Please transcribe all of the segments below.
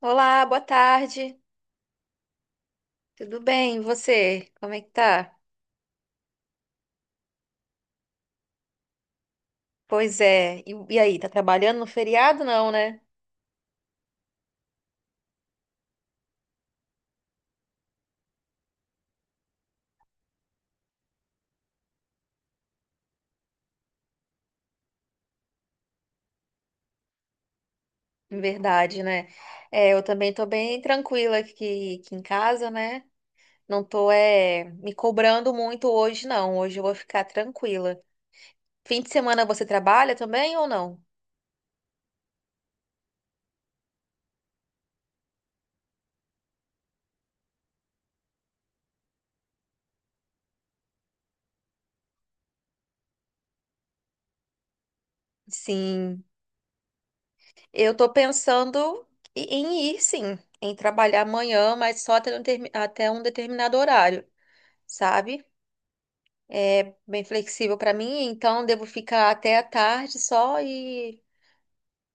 Olá, boa tarde. Tudo bem? E você? Como é que tá? Pois é. E aí, tá trabalhando no feriado? Não, né? Em verdade, né? Eu também tô bem tranquila aqui em casa, né? Não tô me cobrando muito hoje, não. Hoje eu vou ficar tranquila. Fim de semana você trabalha também ou não? Sim. Eu tô pensando em ir, sim, em trabalhar amanhã, mas só até até um determinado horário, sabe? Bem flexível para mim, então devo ficar até a tarde só e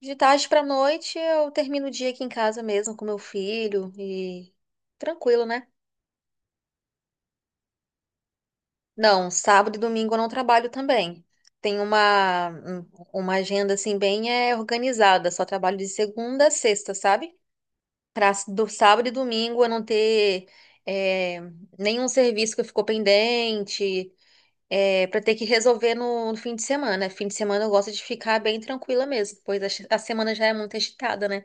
de tarde para noite eu termino o dia aqui em casa mesmo com meu filho e tranquilo, né? Não, sábado e domingo eu não trabalho também. Tem uma agenda assim bem organizada, só trabalho de segunda a sexta, sabe? Para do sábado e domingo eu não ter é, nenhum serviço que ficou pendente, é, para ter que resolver no fim de semana. Fim de semana eu gosto de ficar bem tranquila mesmo, pois a semana já é muito agitada, né?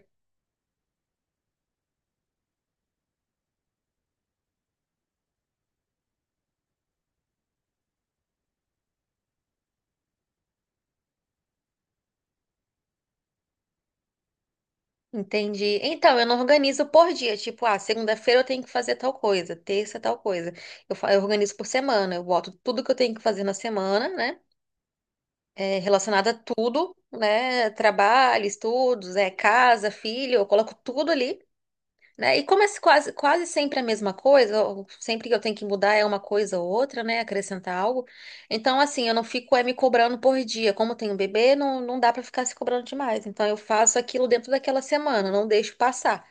Entendi. Então, eu não organizo por dia. Tipo, ah, segunda-feira eu tenho que fazer tal coisa, terça tal coisa. Eu organizo por semana. Eu boto tudo que eu tenho que fazer na semana, né? Relacionado a tudo, né? Trabalho, estudos, casa, filho. Eu coloco tudo ali. Né? E como é quase, quase sempre a mesma coisa, ou sempre que eu tenho que mudar é uma coisa ou outra, né? Acrescentar algo. Então, assim, eu não fico me cobrando por dia. Como eu tenho um bebê, não dá pra ficar se cobrando demais. Então, eu faço aquilo dentro daquela semana, não deixo passar.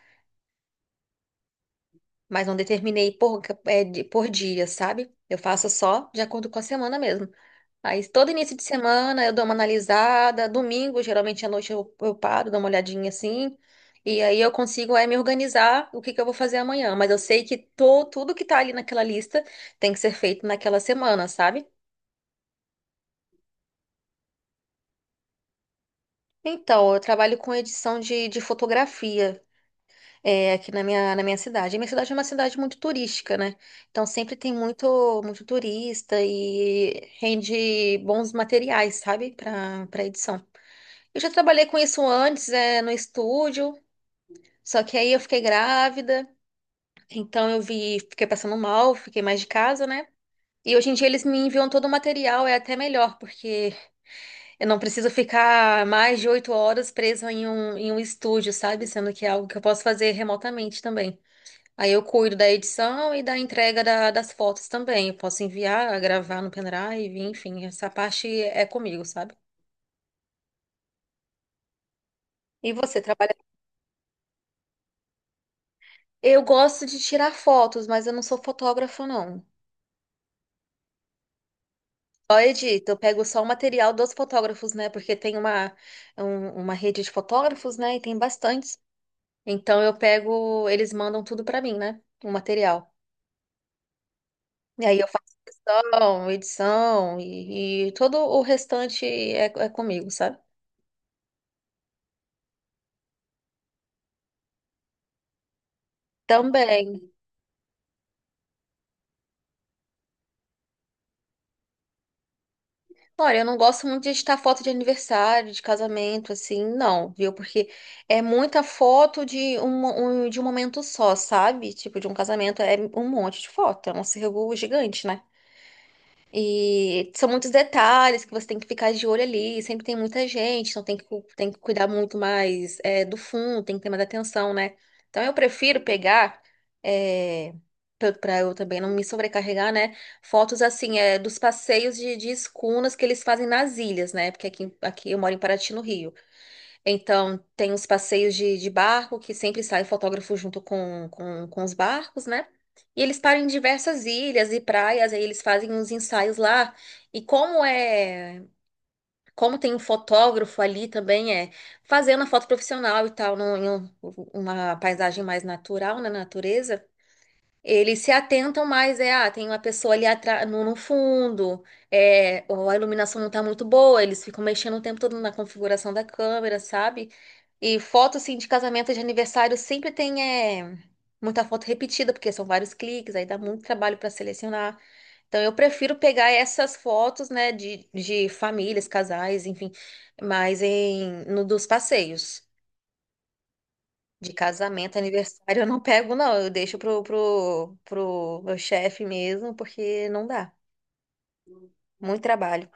Mas não determinei por dia, sabe? Eu faço só de acordo com a semana mesmo. Aí todo início de semana eu dou uma analisada, domingo geralmente à noite eu paro, dou uma olhadinha assim, e aí eu consigo, me organizar o que que eu vou fazer amanhã, mas eu sei que tudo que tá ali naquela lista tem que ser feito naquela semana, sabe? Então, eu trabalho com edição de fotografia, aqui na minha cidade. A minha cidade é uma cidade muito turística, né? Então sempre tem muito, muito turista e rende bons materiais, sabe? Para edição. Eu já trabalhei com isso antes, no estúdio, só que aí eu fiquei grávida, então eu vi, fiquei passando mal, fiquei mais de casa, né? E hoje em dia eles me enviam todo o material, é até melhor, porque eu não preciso ficar mais de 8 horas presa em um estúdio, sabe? Sendo que é algo que eu posso fazer remotamente também. Aí eu cuido da edição e da entrega das fotos também. Eu posso enviar, gravar no pendrive, enfim, essa parte é comigo, sabe? E você, trabalha? Eu gosto de tirar fotos, mas eu não sou fotógrafa, não. Só edito, eu pego só o material dos fotógrafos, né? Porque tem uma rede de fotógrafos, né? E tem bastantes. Então eu pego, eles mandam tudo pra mim, né? O material. E aí eu faço questão, edição e todo o restante é comigo, sabe? Também. Olha, eu não gosto muito de editar foto de aniversário, de casamento, assim, não, viu? Porque é muita foto de um momento só, sabe? Tipo, de um casamento é um monte de foto, é um acervo gigante, né? E são muitos detalhes que você tem que ficar de olho ali. Sempre tem muita gente, então tem que cuidar muito mais, do fundo, tem que ter mais atenção, né? Então eu prefiro pegar, é, para eu também não me sobrecarregar, né? Fotos assim, dos passeios de escunas que eles fazem nas ilhas, né? Porque aqui eu moro em Paraty, no Rio. Então, tem os passeios de barco, que sempre sai fotógrafo junto com os barcos, né? E eles param em diversas ilhas e praias, aí eles fazem uns ensaios lá. E como tem um fotógrafo ali também, fazendo a foto profissional e tal, uma paisagem mais natural, na natureza. Eles se atentam mais, ah, tem uma pessoa ali atrás, no fundo, ou a iluminação não tá muito boa, eles ficam mexendo o tempo todo na configuração da câmera, sabe? E foto, assim, de casamento, de aniversário, sempre tem, é, muita foto repetida, porque são vários cliques, aí dá muito trabalho para selecionar. Então, eu prefiro pegar essas fotos, né, de famílias, casais, enfim, mas no dos passeios. De casamento, aniversário, eu não pego, não. Eu deixo pro meu chefe mesmo, porque não dá. Muito trabalho.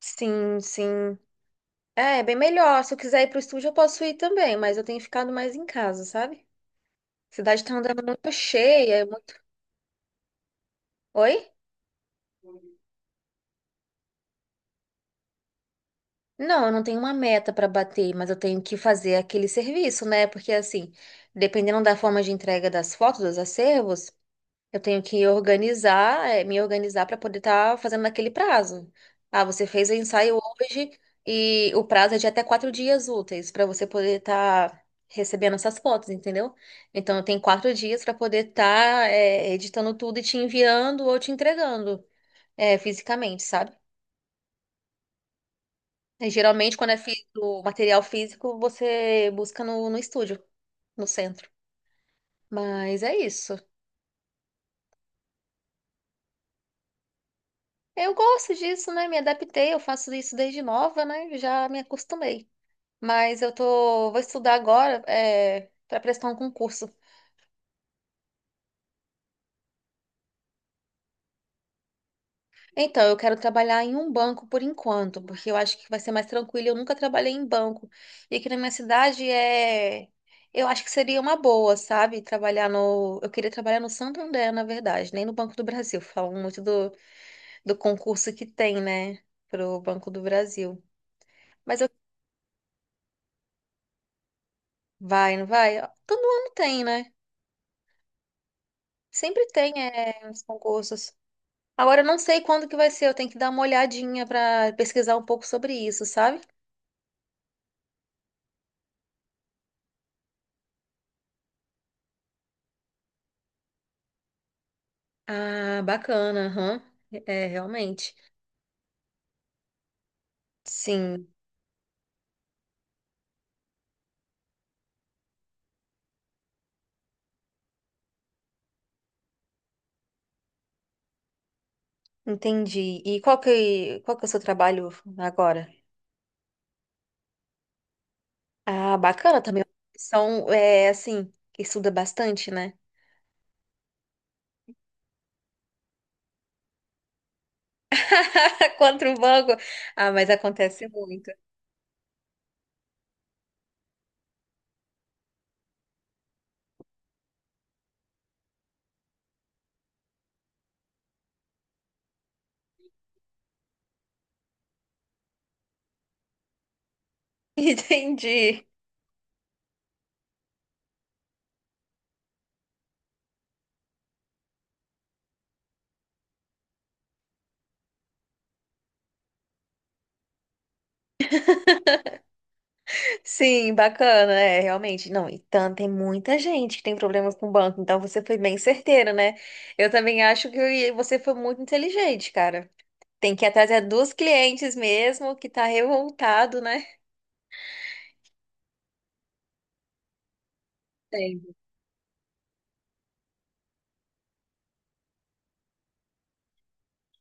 Sim, sim. É bem melhor. Se eu quiser ir pro estúdio, eu posso ir também, mas eu tenho ficado mais em casa, sabe? A cidade tá andando muito cheia. É mu- Oi? Não, eu não tenho uma meta pra bater, mas eu tenho que fazer aquele serviço, né? Porque assim, dependendo da forma de entrega das fotos, dos acervos. Eu tenho que me organizar para poder estar fazendo naquele prazo. Ah, você fez o ensaio hoje e o prazo é de até 4 dias úteis para você poder estar recebendo essas fotos, entendeu? Então, eu tenho 4 dias para poder estar editando tudo e te enviando ou te entregando, fisicamente, sabe? Geralmente, quando o material físico, você busca no estúdio, no centro. Mas é isso. Eu gosto disso, né? Me adaptei, eu faço isso desde nova, né? Já me acostumei. Mas vou estudar agora, para prestar um concurso. Então, eu quero trabalhar em um banco por enquanto, porque eu acho que vai ser mais tranquilo. Eu nunca trabalhei em banco. E aqui na minha cidade, eu acho que seria uma boa, sabe? Trabalhar no, eu queria trabalhar no Santander, na verdade, nem no Banco do Brasil. Falam muito do concurso que tem, né? Pro Banco do Brasil. Mas eu, vai, não vai? Todo ano tem, né? Sempre tem, os concursos. Agora eu não sei quando que vai ser, eu tenho que dar uma olhadinha pra pesquisar um pouco sobre isso, sabe? Ah, bacana, aham. É, realmente. Sim, entendi. E qual que é o seu trabalho agora? Ah, bacana também. São, assim, estuda bastante, né? Contra o banco. Ah, mas acontece muito. Entendi. Sim, bacana, realmente. Não, e tanto, tem muita gente que tem problemas com o banco, então você foi bem certeira, né? Eu também acho que você foi muito inteligente, cara. Tem que ir atrás é dos clientes mesmo, que tá revoltado, né? Tem.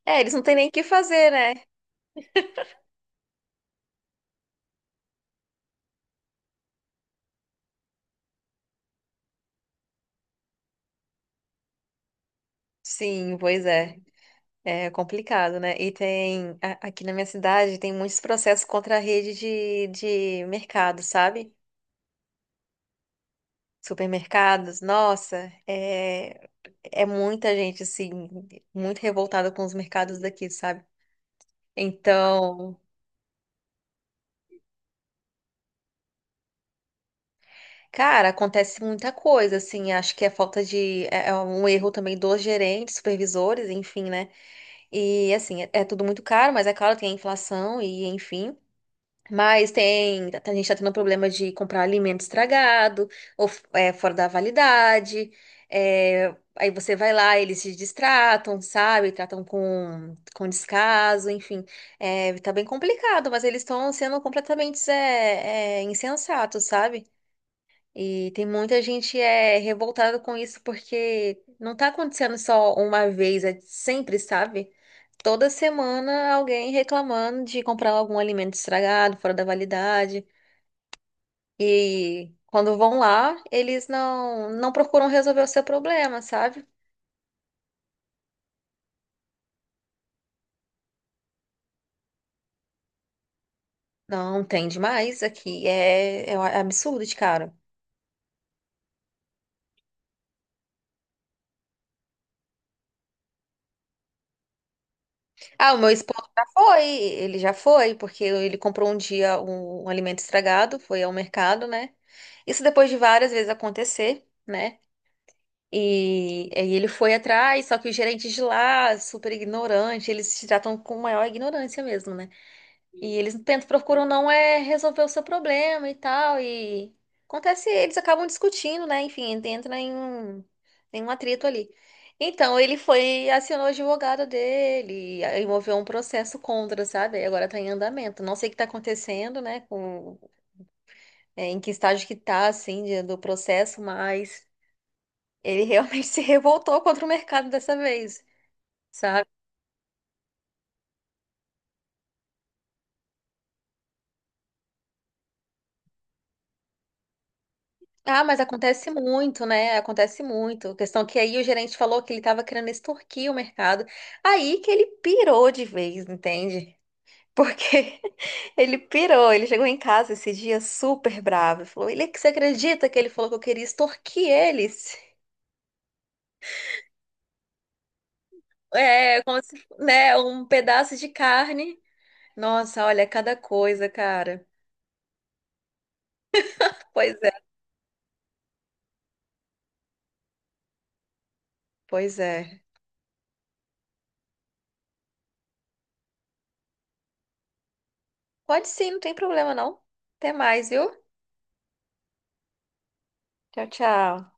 É, eles não têm nem o que fazer, né? Sim, pois é. É complicado, né? E tem, aqui na minha cidade, tem muitos processos contra a rede de mercado, sabe? Supermercados, nossa, é muita gente, assim, muito revoltada com os mercados daqui, sabe? Então, cara, acontece muita coisa, assim, acho que é falta de, é um erro também dos gerentes, supervisores, enfim, né? E, assim, é tudo muito caro, mas é claro, tem a inflação e, enfim. Mas tem, a gente tá tendo problema de comprar alimento estragado ou, fora da validade. É, aí você vai lá, eles se distratam, sabe? Tratam com descaso, enfim. É, tá bem complicado, mas eles estão sendo completamente, insensatos, sabe? E tem muita gente revoltada com isso porque não tá acontecendo só uma vez, é sempre, sabe? Toda semana alguém reclamando de comprar algum alimento estragado, fora da validade. E quando vão lá, eles não procuram resolver o seu problema, sabe? Não tem demais aqui, é um absurdo de caro. Ah, o meu esposo já foi, ele já foi, porque ele comprou um dia um alimento estragado, foi ao mercado, né? Isso depois de várias vezes acontecer, né? E aí ele foi atrás, só que os gerentes de lá, super ignorante, eles se tratam com maior ignorância mesmo, né? E eles tentam, procuram não resolver o seu problema e tal. E acontece, eles acabam discutindo, né? Enfim, entra em um atrito ali. Então, ele foi, acionou o advogado dele, aí moveu um processo contra, sabe? Aí agora tá em andamento. Não sei o que tá acontecendo, né? Em que estágio que tá, assim, do processo, mas ele realmente se revoltou contra o mercado dessa vez. Ah, mas acontece muito, né? Acontece muito. A questão que aí o gerente falou que ele estava querendo extorquir o mercado. Aí que ele pirou de vez, entende? Porque ele pirou, ele chegou em casa esse dia super bravo. E falou, ele, que você acredita que ele falou que eu queria extorquir eles? É, como se, né, um pedaço de carne. Nossa, olha, cada coisa, cara. Pois é, pois é. Pode sim, não tem problema não. Até mais, viu? Tchau, tchau.